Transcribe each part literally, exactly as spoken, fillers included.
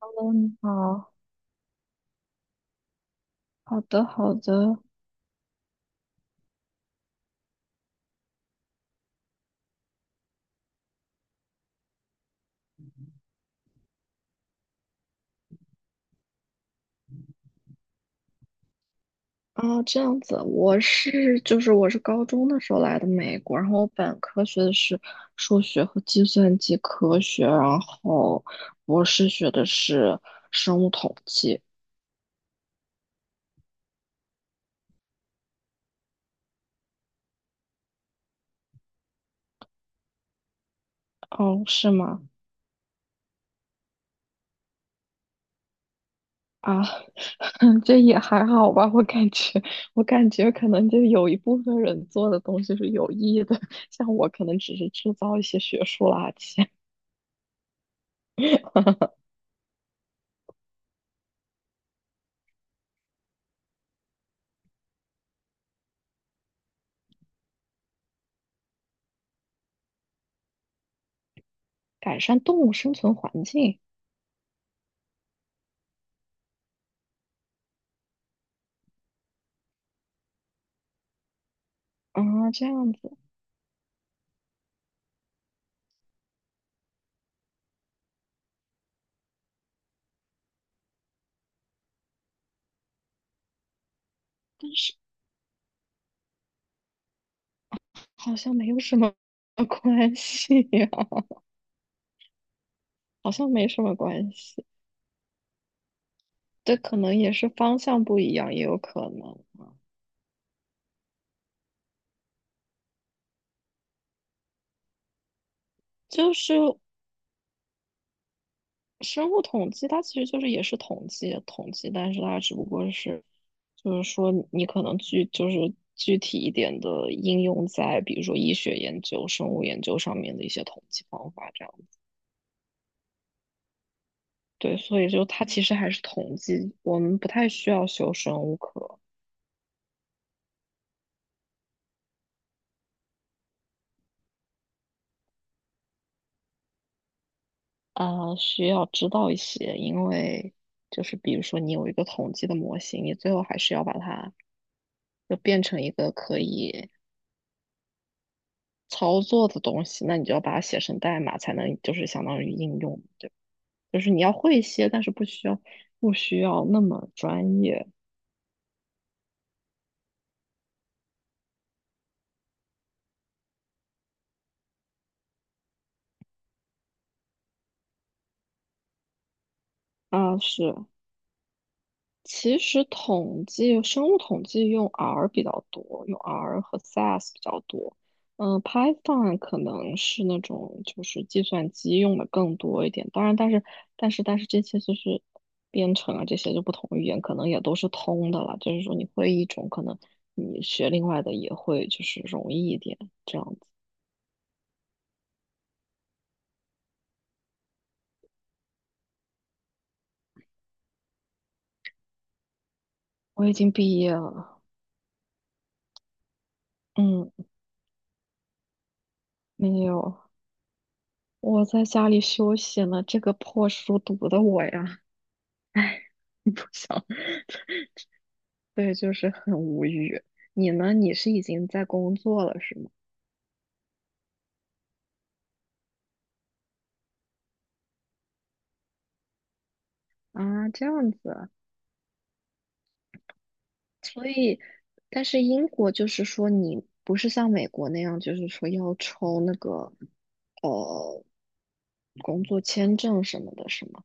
嗯，你好，好的，好的，啊，这样子，我是就是我是高中的时候来的美国，然后我本科学的是数学和计算机科学，然后博士学的是生物统计。哦，是吗？啊，这也还好吧，我感觉我感觉可能就有一部分人做的东西是有意义的，像我可能只是制造一些学术垃圾，改善动物生存环境。啊，这样子。但是。好像没有什么 关系呀、好像没什么关系。这可能也是方向不一样，也有可能。就是生物统计，它其实就是也是统计统计，但是它只不过是，就是说你可能具就是具体一点的应用在比如说医学研究、生物研究上面的一些统计方法这样。对，所以就它其实还是统计，我们不太需要修生物课。呃，需要知道一些，因为就是比如说你有一个统计的模型，你最后还是要把它就变成一个可以操作的东西，那你就要把它写成代码，才能就是相当于应用，对，就是你要会一些，但是不需要不需要那么专业啊，是。其实统计生物统计用 R 比较多，用 R 和 S A S 比较多。嗯，Python 可能是那种就是计算机用的更多一点。当然，但是但是但是这些就是编程啊，这些就不同语言可能也都是通的了。就是说你会一种，可能你学另外的也会就是容易一点这样子。我已经毕业了，嗯，没有，我在家里休息呢。这个破书读的我呀，不想。对，就是很无语。你呢？你是已经在工作了是吗？啊，这样子啊。所以，但是英国就是说，你不是像美国那样，就是说要抽那个呃工作签证什么的，是吗？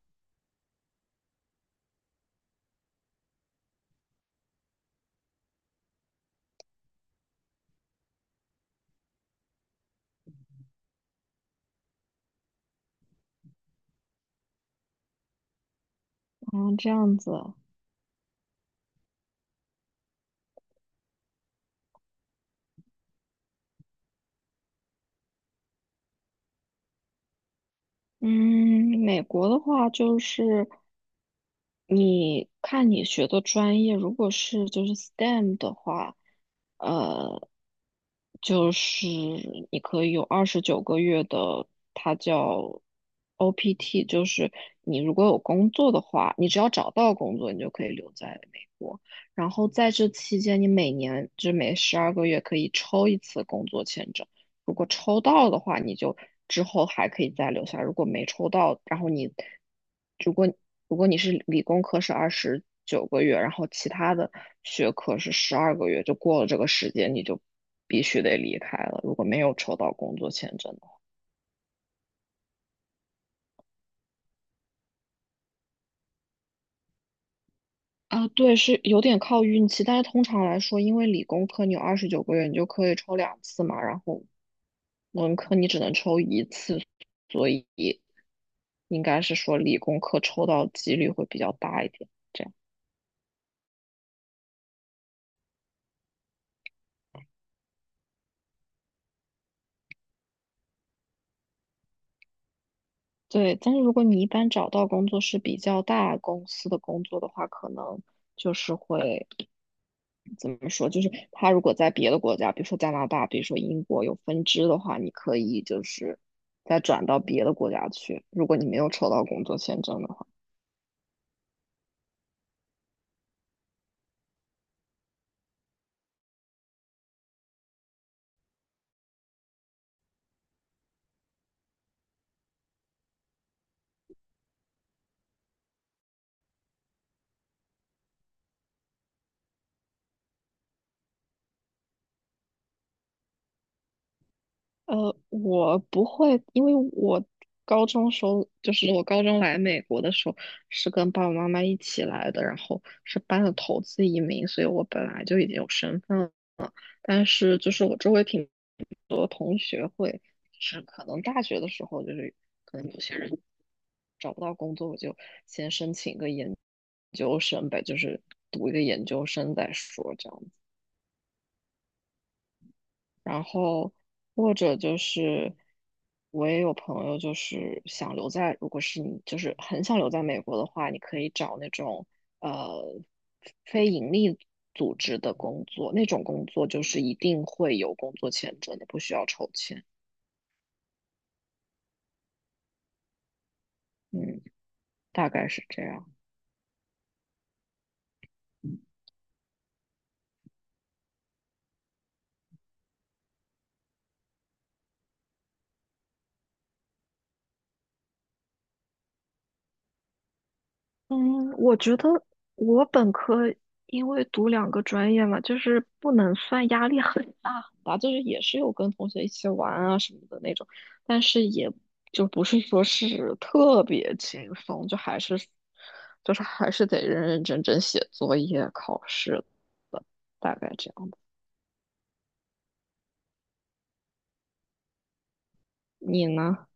啊，这样子啊。嗯，美国的话就是你看你学的专业，如果是就是 S T E M 的话，呃，就是你可以有二十九个月的，它叫 O P T,就是你如果有工作的话，你只要找到工作，你就可以留在美国。然后在这期间，你每年就每十二个月可以抽一次工作签证。如果抽到的话，你就之后还可以再留下；如果没抽到，然后你如果如果你是理工科是二十九个月，然后其他的学科是十二个月，就过了这个时间，你就必须得离开了。如果没有抽到工作签证，啊，对，是有点靠运气，但是通常来说，因为理工科你有二十九个月，你就可以抽两次嘛，然后文科你只能抽一次，所以应该是说理工科抽到几率会比较大一点。这样。对，但是如果你一般找到工作是比较大公司的工作的话，可能就是会怎么说？就是他如果在别的国家，比如说加拿大，比如说英国有分支的话，你可以就是再转到别的国家去。如果你没有抽到工作签证的话，呃，我不会，因为我高中时候就是我高中来美国的时候是跟爸爸妈妈一起来的，然后是办的投资移民，所以我本来就已经有身份了。但是就是我周围挺多同学会，是可能大学的时候就是可能有些人找不到工作，我就先申请个研究生呗，就是读一个研究生再说这样。然后或者就是我也有朋友就是想留在，如果是你就是很想留在美国的话，你可以找那种呃非盈利组织的工作，那种工作就是一定会有工作签证的，不需要抽签。嗯，大概是这样。嗯，我觉得我本科因为读两个专业嘛，就是不能算压力很大很大，就是也是有跟同学一起玩啊什么的那种，但是也就不是说是特别轻松，就还是就是还是得认认真真写作业、考试的，大概这样的。你呢？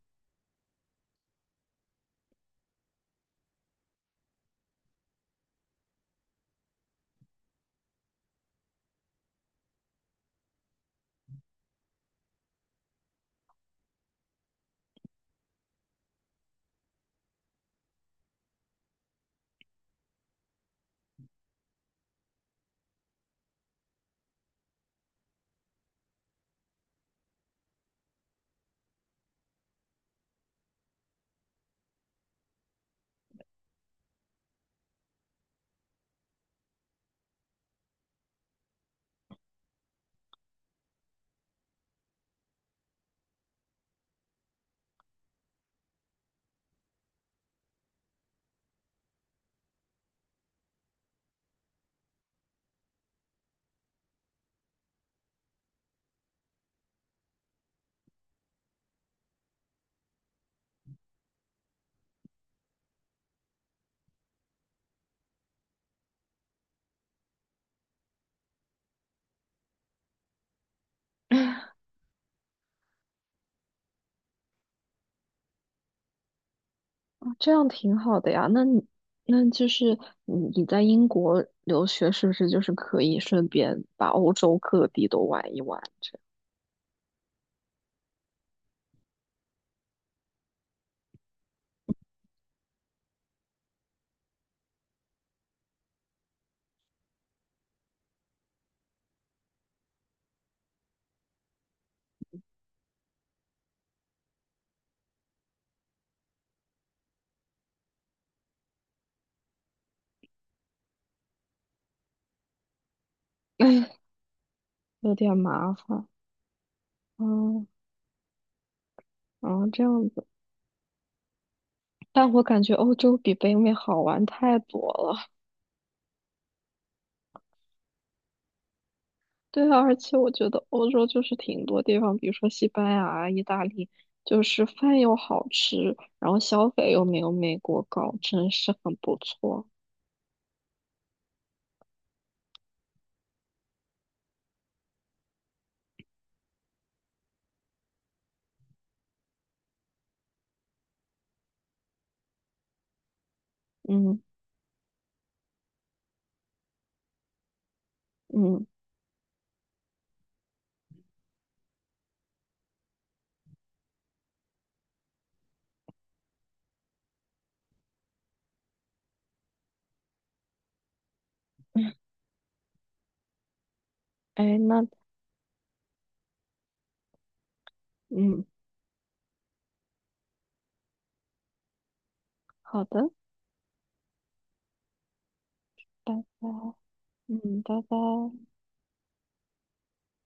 这样挺好的呀。那你那就是你你在英国留学，是不是就是可以顺便把欧洲各地都玩一玩？有点麻烦，嗯，后这样子，但我感觉欧洲比北美好玩太多了。对啊，而且我觉得欧洲就是挺多地方，比如说西班牙啊意大利，就是饭又好吃，然后消费又没有美国高，真是很不错。嗯嗯，哎，那嗯，好的，拜拜，嗯，拜拜。